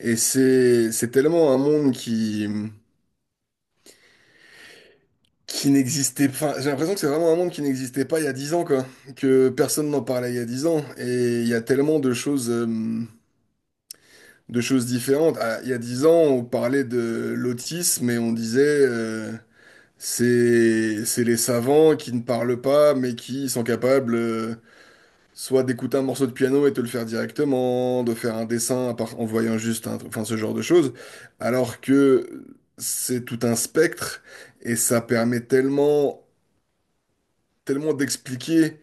Et c'est tellement un monde qui n'existait pas. J'ai l'impression que c'est vraiment un monde qui n'existait pas il y a 10 ans, quoi. Que personne n'en parlait il y a 10 ans. Et il y a tellement de choses différentes. Ah, il y a 10 ans, on parlait de l'autisme et on disait c'est les savants qui ne parlent pas mais qui sont capables soit d'écouter un morceau de piano et te le faire directement, de faire un dessin en voyant juste un, enfin ce genre de choses, alors que c'est tout un spectre et ça permet tellement, tellement d'expliquer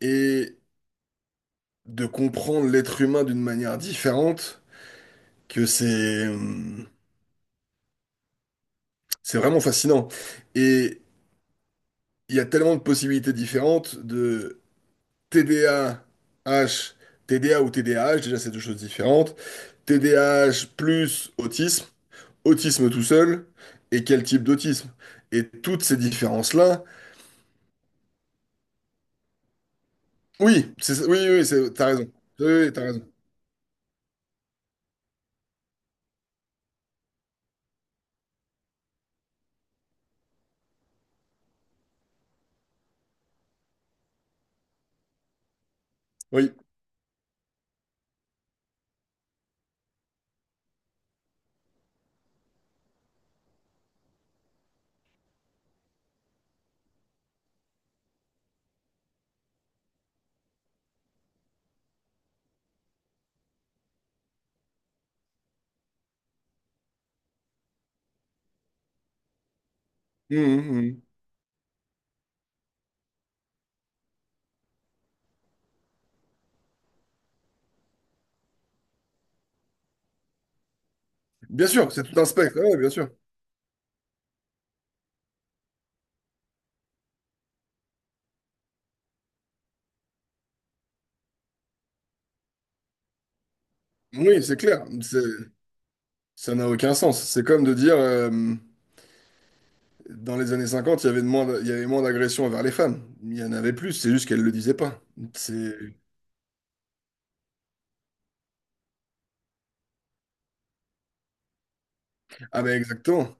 et de comprendre l'être humain d'une manière différente que c'est vraiment fascinant. Et il y a tellement de possibilités différentes de TDAH. TDA ou TDAH, déjà c'est deux choses différentes, TDAH plus autisme. Autisme tout seul et quel type d'autisme. Et toutes ces différences-là, oui, oui, oui, t'as raison. Oui, oui, oui, t'as raison. Oui. Mmh, mmh, mmh. Bien sûr, c'est tout un spectre, ouais, bien sûr. Oui, c'est clair. Ça n'a aucun sens. C'est comme de dire, dans les années 50, il y avait il y avait moins d'agressions envers les femmes. Il y en avait plus, c'est juste qu'elles ne le disaient pas. C'est... Ah ben exactement.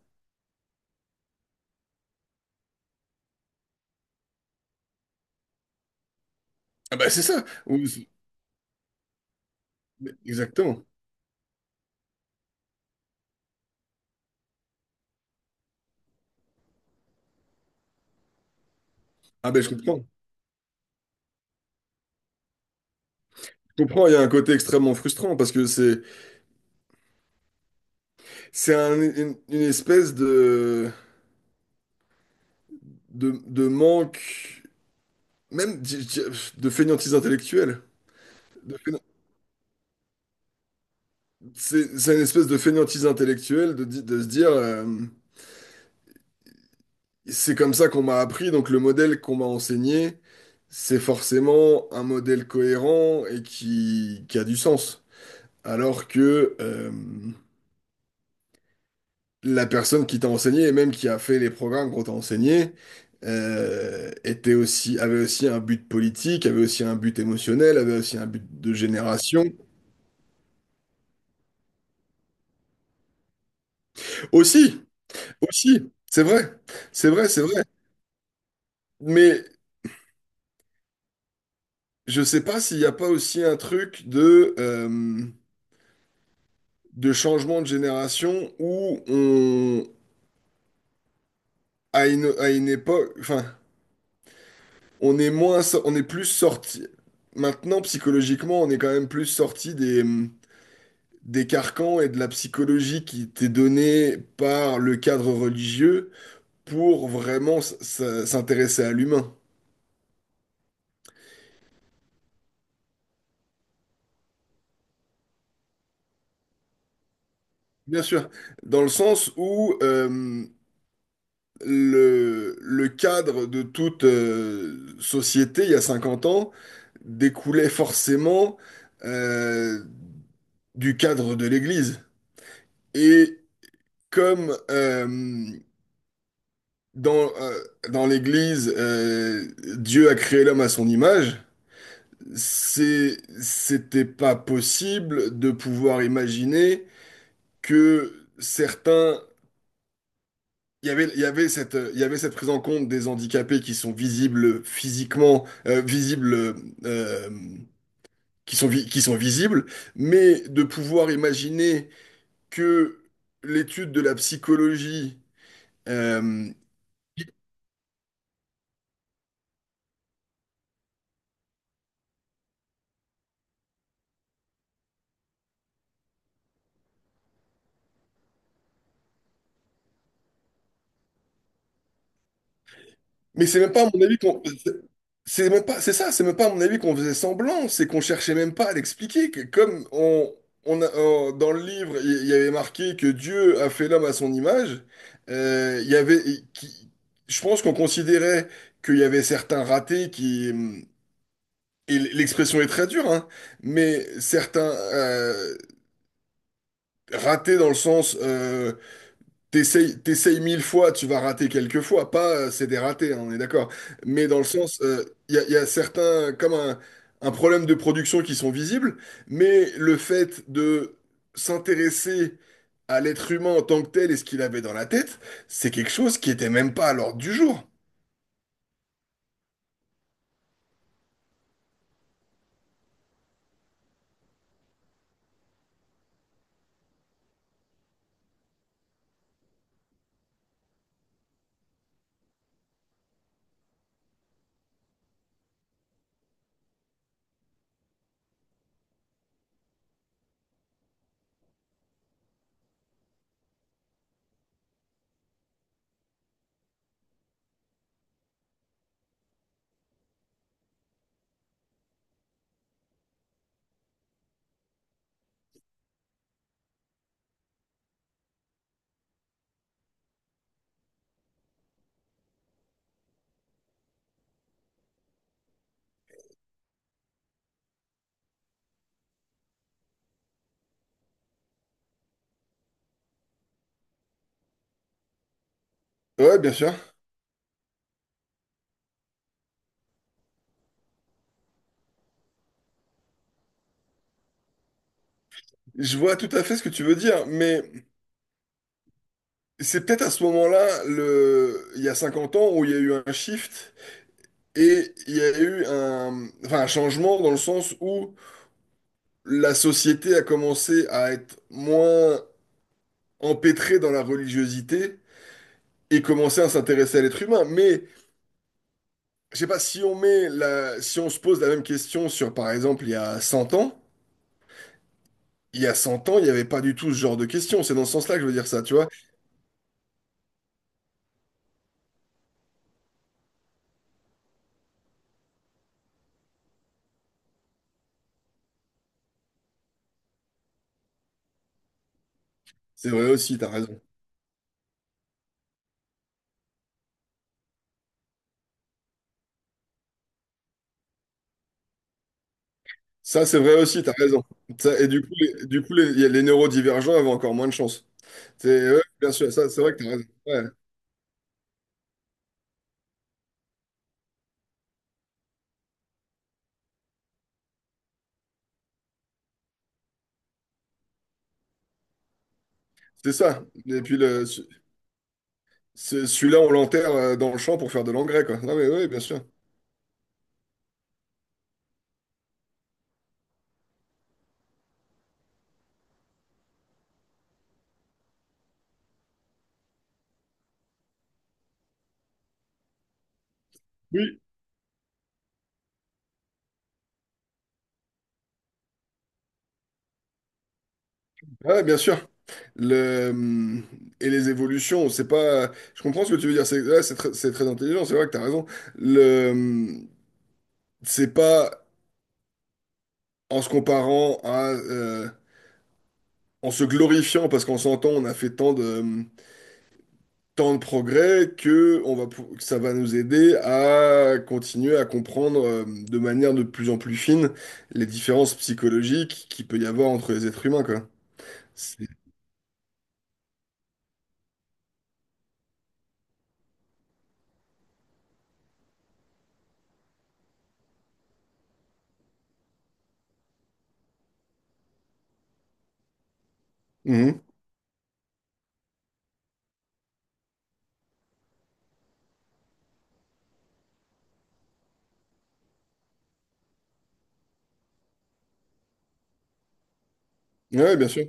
Ah ben c'est ça. Exactement. Ah ben je comprends. Je comprends, il y a un côté extrêmement frustrant parce que c'est. C'est une espèce de manque, même de fainéantise intellectuelle. De fainé- c'est une espèce de fainéantise intellectuelle de, de se dire, c'est comme ça qu'on m'a appris, donc le modèle qu'on m'a enseigné, c'est forcément un modèle cohérent et qui a du sens. Alors que, la personne qui t'a enseigné et même qui a fait les programmes qu'on t'a enseigné était aussi, avait aussi un but politique, avait aussi un but émotionnel, avait aussi un but de génération. Aussi, aussi, c'est vrai, c'est vrai, c'est vrai. Mais je sais pas s'il n'y a pas aussi un truc de changement de génération où on, à une époque, enfin, on est plus sorti. Maintenant, psychologiquement, on est quand même plus sorti des carcans et de la psychologie qui t'est donnée par le cadre religieux pour vraiment s'intéresser à l'humain. Bien sûr, dans le sens où le cadre de toute société il y a 50 ans découlait forcément euh, du cadre de l'Église. Et comme dans, euh, dans l'Église, Dieu a créé l'homme à son image, c'était pas possible de pouvoir imaginer que certains, il y avait cette prise en compte des handicapés qui sont visibles physiquement, visibles, euh, qui sont visibles, mais de pouvoir imaginer que l'étude de la psychologie, euh, mais c'est même pas à mon avis qu'on. C'est même pas, c'est ça, c'est même pas à mon avis qu'on faisait semblant, c'est qu'on cherchait même pas à l'expliquer. Que Comme on a, dans le livre, il y avait marqué que Dieu a fait l'homme à son image, il y avait, qui- je pense qu'on considérait qu'il y avait certains ratés et l'expression est très dure, hein, mais certains ratés dans le sens T'essayes 1000 fois, tu vas rater quelques fois. Pas, c'est des ratés, hein, on est d'accord. Mais dans le sens, il y a certains, comme un problème de production qui sont visibles, mais le fait de s'intéresser à l'être humain en tant que tel et ce qu'il avait dans la tête, c'est quelque chose qui était même pas à l'ordre du jour. Ouais, bien sûr. Je vois tout à fait ce que tu veux dire, mais c'est peut-être à ce moment-là, il y a 50 ans, où il y a eu un shift et il y a eu un, enfin, un changement dans le sens où la société a commencé à être moins empêtrée dans la religiosité et commencer à s'intéresser à l'être humain. Mais je sais pas si si on se pose la même question sur, par exemple, il y a 100 ans, il y a 100 ans, il n'y avait pas du tout ce genre de question. C'est dans ce sens-là que je veux dire ça, tu vois. C'est vrai aussi, t'as raison. Ça, c'est vrai aussi, t'as raison. Ça, et du coup, les, il y a- les neurodivergents avaient encore moins de chance. C'est, ouais, bien sûr, ça, c'est vrai que t'as raison. Ouais, c'est ça. Et puis, celui-là, on l'enterre dans le champ pour faire de l'engrais, quoi. Non, mais oui, bien sûr. Oui, ah ouais, bien sûr. Le, hum, et les évolutions, c'est pas. Je comprends ce que tu veux dire. C'est très intelligent. C'est vrai que t'as raison. Le, hum, c'est pas en se comparant à, en se glorifiant parce qu'en s'entend, on a fait tant de progrès que que ça va nous aider à continuer à comprendre de manière de plus en plus fine les différences psychologiques qu'il peut y avoir entre les êtres humains, quoi. C'est- Mhm. Ouais, bien sûr.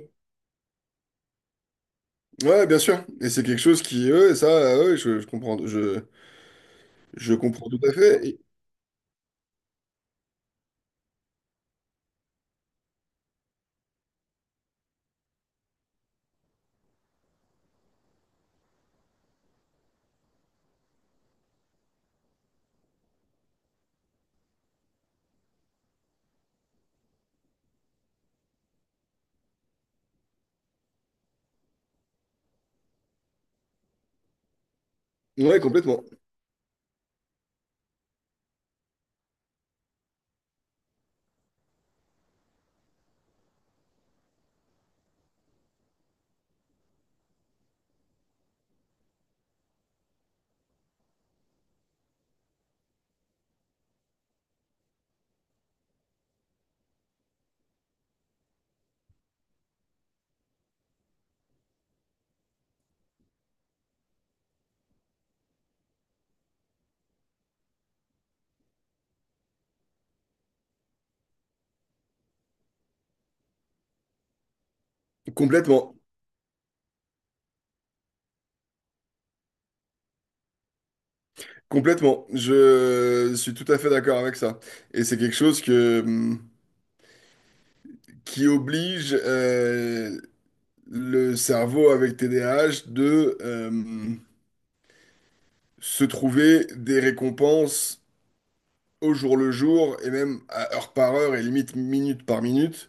Ouais, bien sûr. Et c'est quelque chose qui, ouais, ça, ouais, je comprends, je comprends tout à fait. Ouais, complètement, complètement, complètement. Je suis tout à fait d'accord avec ça. Et c'est quelque chose que, qui oblige le cerveau avec TDAH de se trouver des récompenses au jour le jour et même à heure par heure et limite minute par minute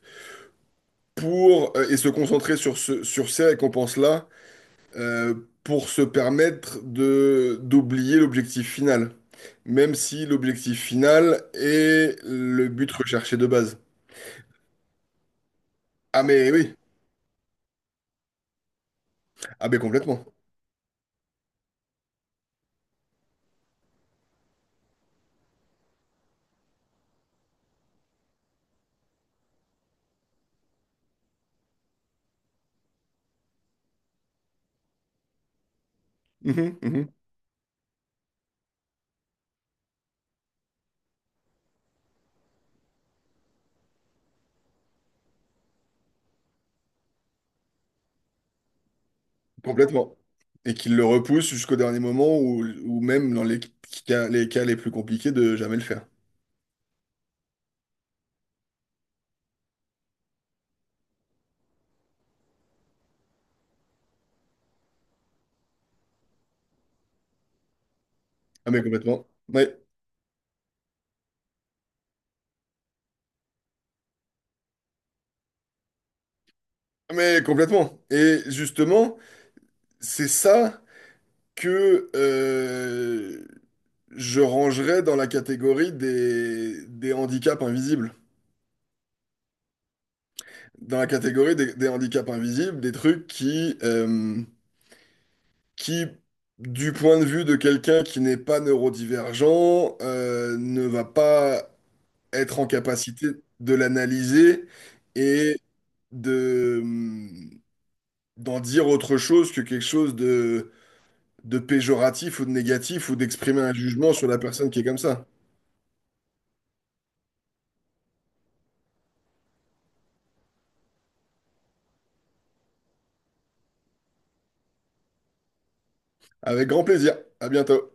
pour et se concentrer sur ces récompenses-là euh, pour se permettre de d'oublier l'objectif final, même si l'objectif final est le but recherché de base. Ah mais oui, ah mais complètement. Mhm, mhm. Complètement. Et qu'il le repousse jusqu'au dernier moment ou même dans les cas les plus compliqués de jamais le faire. Ah mais complètement. Ouais. Ah, mais complètement. Et justement, c'est ça que je rangerais dans la catégorie des handicaps invisibles. Dans la catégorie des handicaps invisibles, des trucs qui, du point de vue de quelqu'un qui n'est pas neurodivergent, ne va pas être en capacité de l'analyser et de, d'en dire autre chose que quelque chose de péjoratif ou de négatif ou d'exprimer un jugement sur la personne qui est comme ça. Avec grand plaisir. À bientôt.